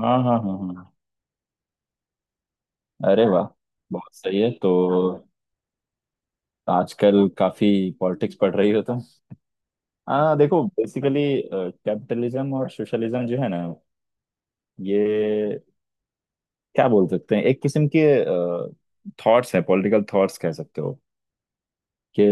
हाँ हाँ हाँ हाँ। अरे वाह, बहुत सही है। तो आजकल काफी पॉलिटिक्स पढ़ रही हो तुम। हाँ, देखो बेसिकली कैपिटलिज्म और सोशलिज्म जो है ना, ये क्या बोल सकते हैं, एक किस्म के थॉट्स है, पॉलिटिकल थॉट्स कह सकते हो। कि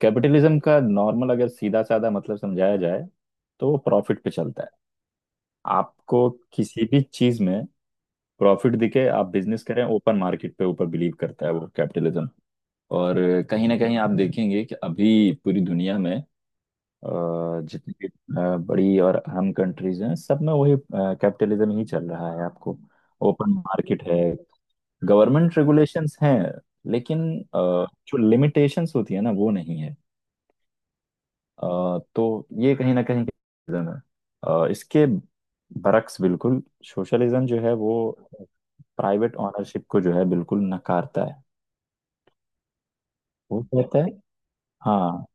कैपिटलिज्म का नॉर्मल अगर सीधा साधा मतलब समझाया जाए तो वो प्रॉफिट पे चलता है। आपको किसी भी चीज में प्रॉफिट दिखे, आप बिजनेस करें, ओपन मार्केट पे ऊपर बिलीव करता है वो कैपिटलिज्म। और कहीं ना कहीं आप देखेंगे कि अभी पूरी दुनिया में जितनी भी बड़ी और अहम कंट्रीज हैं, सब में वही कैपिटलिज्म ही चल रहा है आपको। ओपन मार्केट है, गवर्नमेंट रेगुलेशंस हैं, लेकिन जो लिमिटेशंस होती है ना वो नहीं है। तो ये कहीं ना कहीं capitalism है। इसके बरक्स बिल्कुल सोशलिज्म जो है, वो प्राइवेट ओनरशिप को जो है बिल्कुल नकारता है। वो कहता है हाँ।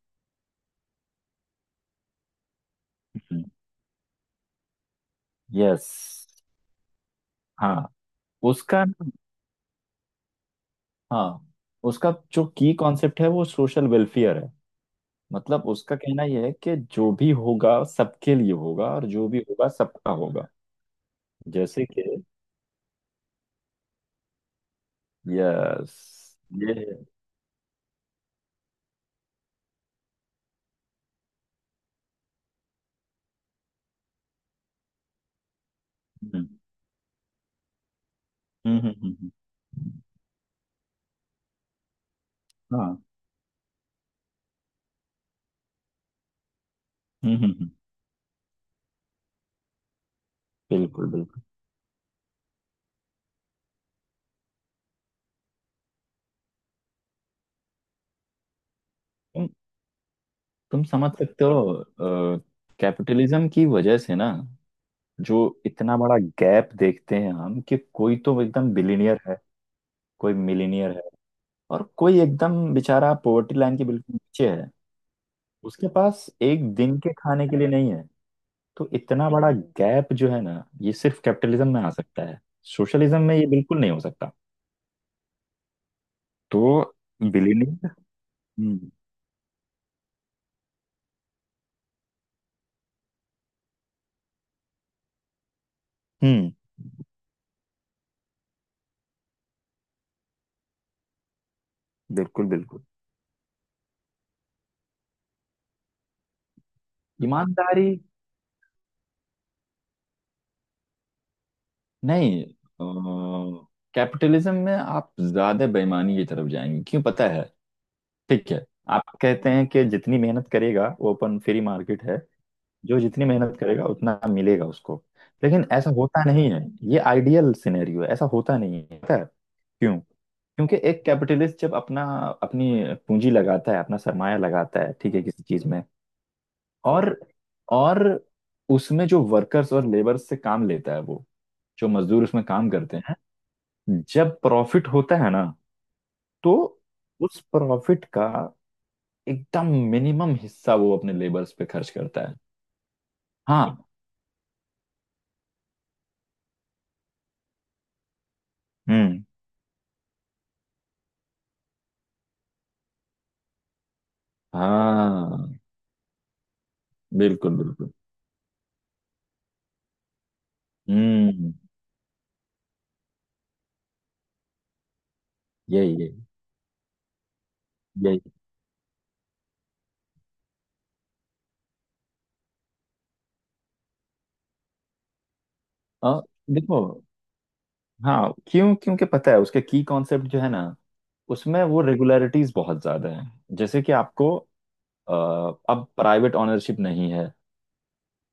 यस। हाँ। उसका न- हाँ, उसका जो की कॉन्सेप्ट है वो सोशल वेलफेयर है। मतलब उसका कहना यह है कि जो भी होगा सबके लिए होगा और जो भी होगा सबका होगा। जैसे कि यस, ये हम्म हम्म, हाँ, हम्म हम्म हम्म, बिल्कुल बिल्कुल। तुम तुम समझ सकते हो, कैपिटलिज्म की वजह से ना जो इतना बड़ा गैप देखते हैं हम, कि कोई तो एकदम बिलीनियर है, कोई मिलीनियर है, और कोई एकदम बेचारा पोवर्टी लाइन के बिल्कुल नीचे है। उसके पास एक दिन के खाने के लिए नहीं है। तो इतना बड़ा गैप जो है ना, ये सिर्फ कैपिटलिज्म में आ सकता है। सोशलिज्म में ये बिल्कुल नहीं हो सकता। तो बिलीनियर हम्म हम्म, बिल्कुल बिल्कुल ईमानदारी। नहीं, कैपिटलिज्म में आप ज्यादा बेईमानी की तरफ जाएंगे, क्यों पता है? ठीक है, आप कहते हैं कि जितनी मेहनत करेगा वो अपन फ्री मार्केट है। जो जितनी मेहनत करेगा उतना मिलेगा उसको। लेकिन ऐसा होता नहीं है। ये आइडियल सिनेरियो है, ऐसा होता नहीं है। पता है क्यों? क्योंकि एक कैपिटलिस्ट जब अपना अपनी पूंजी लगाता है, अपना सरमाया लगाता है ठीक है किसी चीज में, और और उसमें जो वर्कर्स और लेबर से काम लेता है, वो जो मजदूर उसमें काम करते हैं, जब प्रॉफिट होता है ना, तो उस प्रॉफिट का एकदम मिनिमम हिस्सा वो अपने लेबर्स पे खर्च करता है। हाँ, हम्म, हाँ, बिल्कुल बिल्कुल, हम्म, यही यही यही और देखो, हाँ, क्यों क्योंकि पता है उसका की कॉन्सेप्ट जो है ना, उसमें वो रेगुलरिटीज बहुत ज्यादा है। जैसे कि आपको अ, अब प्राइवेट ओनरशिप नहीं है,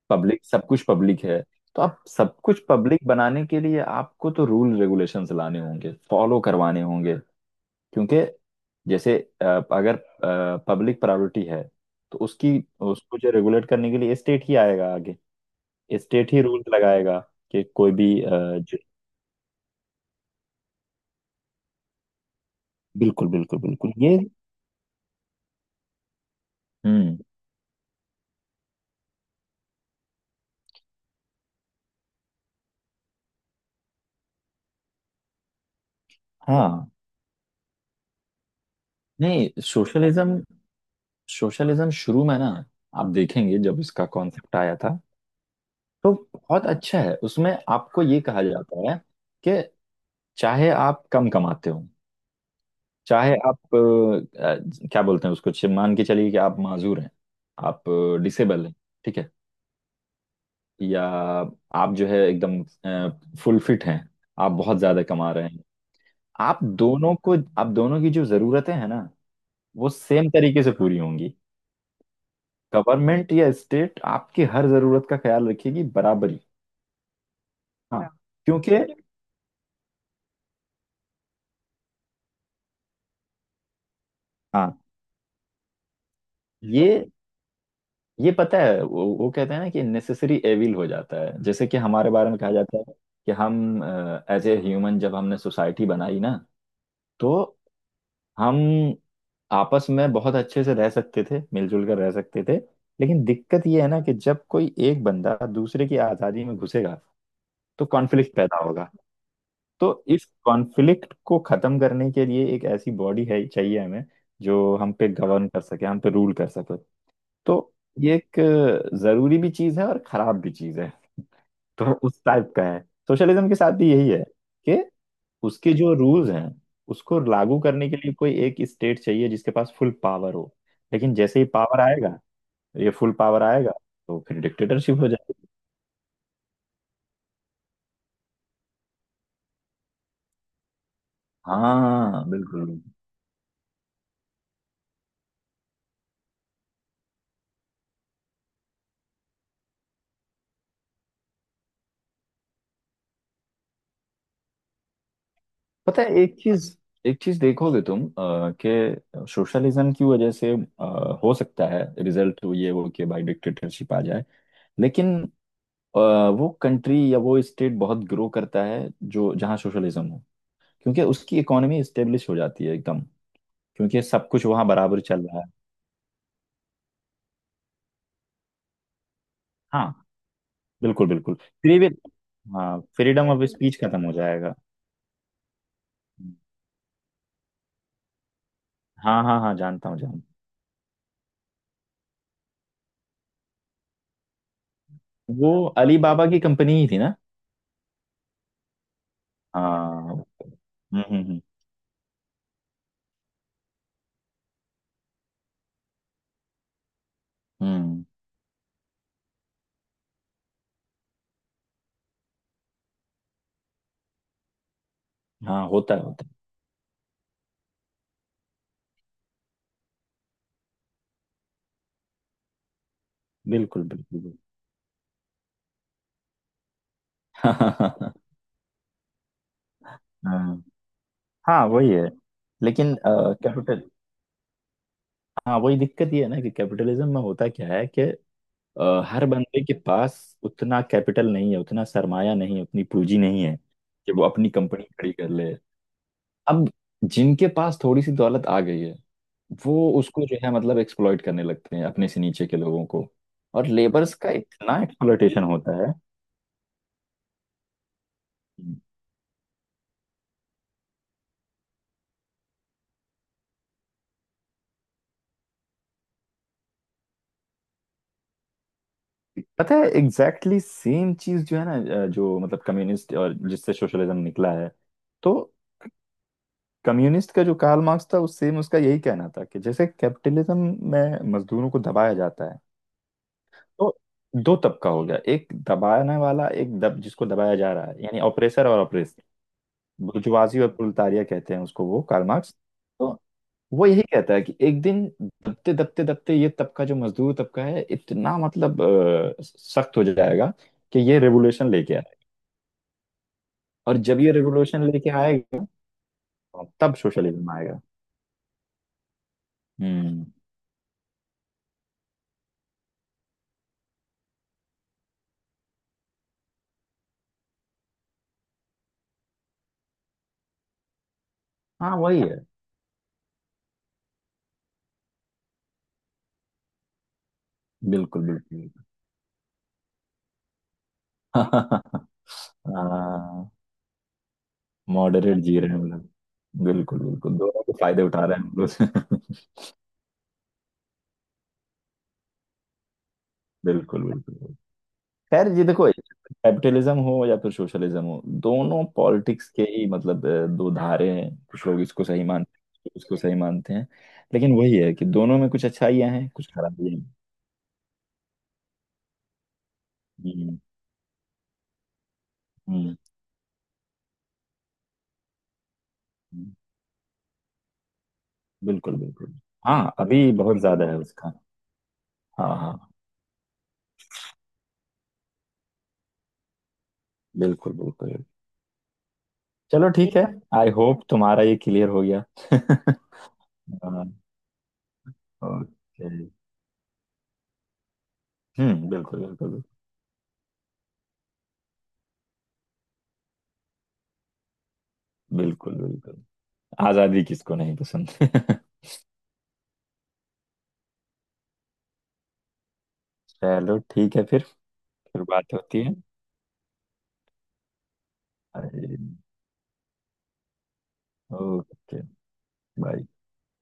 पब्लिक, सब कुछ पब्लिक है। तो अब सब कुछ पब्लिक बनाने के लिए आपको तो रूल रेगुलेशंस लाने होंगे, फॉलो करवाने होंगे। क्योंकि जैसे अ, अगर पब्लिक प्रायोरिटी है, तो उसकी उसको जो रेगुलेट करने के लिए स्टेट ही आएगा आगे। स्टेट ही रूल लगाएगा कि कोई भी जो- बिल्कुल बिल्कुल बिल्कुल ये, हम्म, हाँ, नहीं सोशलिज्म, सोशलिज्म शुरू में ना, आप देखेंगे जब इसका कॉन्सेप्ट आया था, तो बहुत अच्छा है। उसमें आपको ये कहा जाता है कि चाहे आप कम कमाते हो, चाहे आप क्या बोलते हैं उसको, मान के चलिए कि आप माजूर हैं, आप डिसेबल हैं ठीक है, या आप जो है एकदम फुल फिट हैं, आप बहुत ज्यादा कमा रहे हैं, आप दोनों को, आप दोनों की जो जरूरतें हैं ना, वो सेम तरीके से पूरी होंगी। गवर्नमेंट या स्टेट आपकी हर जरूरत का ख्याल रखेगी, बराबरी। हाँ हाँ। क्योंकि हाँ ये ये पता है वो कहते हैं ना कि नेसेसरी एविल हो जाता है, जैसे कि हमारे बारे में कहा जाता है कि हम एज ए ह्यूमन जब हमने सोसाइटी बनाई ना, तो हम आपस में बहुत अच्छे से रह सकते थे, मिलजुल कर रह सकते थे। लेकिन दिक्कत ये है ना कि जब कोई एक बंदा दूसरे की आज़ादी में घुसेगा, तो कॉन्फ्लिक्ट पैदा होगा। तो इस कॉन्फ्लिक्ट को खत्म करने के लिए एक ऐसी बॉडी है चाहिए हमें, जो हम पे गवर्न कर सके, हम पे रूल कर सके। तो ये एक जरूरी भी चीज है और खराब भी चीज है। तो उस टाइप का है। सोशलिज्म के साथ भी यही है कि उसके जो रूल्स हैं, उसको लागू करने के लिए कोई एक स्टेट चाहिए जिसके पास फुल पावर हो। लेकिन जैसे ही पावर आएगा, ये फुल पावर आएगा, तो फिर डिक्टेटरशिप हो जाएगी। हाँ हाँ, हाँ, बिल्कुल। पता है एक चीज, एक चीज देखोगे तुम कि सोशलिज्म की वजह से हो सकता है रिजल्ट ये हो कि भाई डिक्टेटरशिप आ जाए। लेकिन अ, वो कंट्री या वो स्टेट बहुत ग्रो करता है जो जहाँ सोशलिज्म हो, क्योंकि उसकी इकोनॉमी स्टेब्लिश हो जाती है एकदम, क्योंकि सब कुछ वहाँ बराबर चल रहा है। हाँ, बिल्कुल बिल्कुल फ्री हाँ फ्रीडम ऑफ स्पीच खत्म हो जाएगा। हाँ हाँ हाँ जानता हूँ, जानता हूँ। वो अली बाबा की कंपनी ही थी ना। हाँ हम्म हम्म हम्म। हाँ होता है, होता है, बिल्कुल बिल्कुल बिल्कुल। हम्म, हाँ वही है। लेकिन कैपिटल हाँ वही दिक्कत ये है ना कि कैपिटलिज्म में होता क्या है कि हर बंदे के पास उतना कैपिटल नहीं है, उतना सरमाया नहीं है, उतनी पूंजी नहीं है कि वो अपनी कंपनी खड़ी कर ले। अब जिनके पास थोड़ी सी दौलत आ गई है, वो उसको जो है मतलब एक्सप्लॉइट करने लगते हैं अपने से नीचे के लोगों को। और लेबर्स का इतना एक्सप्लॉइटेशन होता है। पता है एग्जैक्टली exactly सेम चीज जो है ना, जो मतलब कम्युनिस्ट और जिससे सोशलिज्म निकला है, तो कम्युनिस्ट का जो कार्ल मार्क्स था, उस सेम उसका यही कहना था कि जैसे कैपिटलिज्म में मजदूरों को दबाया जाता है, तो दो तबका हो गया, एक दबाने वाला, एक दब जिसको दबाया जा रहा है, यानी ऑपरेसर और ऑपरेस, बुर्जुआजी और प्रोलेटारिया कहते हैं उसको वो कार्ल मार्क्स। तो वो यही कहता है कि एक दिन दबते दबते दबते ये तबका जो मजदूर तबका है इतना मतलब सख्त हो जाएगा कि ये रेवोल्यूशन लेके, और जब ये रेवोल्यूशन लेके आएगा तब सोशलिज्म आएगा। हम्म, हाँ वही है, बिल्कुल बिल्कुल, हाँ, मॉडरेट जी रहे हैं हम लोग, बिल्कुल बिल्कुल, दोनों के फायदे उठा रहे हैं हम लोग। बिल्कुल बिल्कुल। खैर ये देखो कैपिटलिज्म हो या फिर सोशलिज्म हो, दोनों पॉलिटिक्स के ही मतलब दो धारे हैं। कुछ लोग इसको सही मानते हैं, कुछ लोग इसको सही मानते हैं। लेकिन वही है कि दोनों में कुछ अच्छाइयाँ हैं, कुछ खराबियाँ हैं। हम्म हम्म हम्म। बिल्कुल बिल्कुल। हाँ अभी बहुत ज्यादा है उसका। हाँ हाँ बिल्कुल बिल्कुल। चलो ठीक है, आई होप तुम्हारा ये क्लियर हो गया। हाँ, ओके, हम्म, बिल्कुल बिल्कुल बिल्कुल बिल्कुल। आजादी किसको नहीं पसंद? चलो ठीक है फिर बात होती है। अरे, ओके, बाय।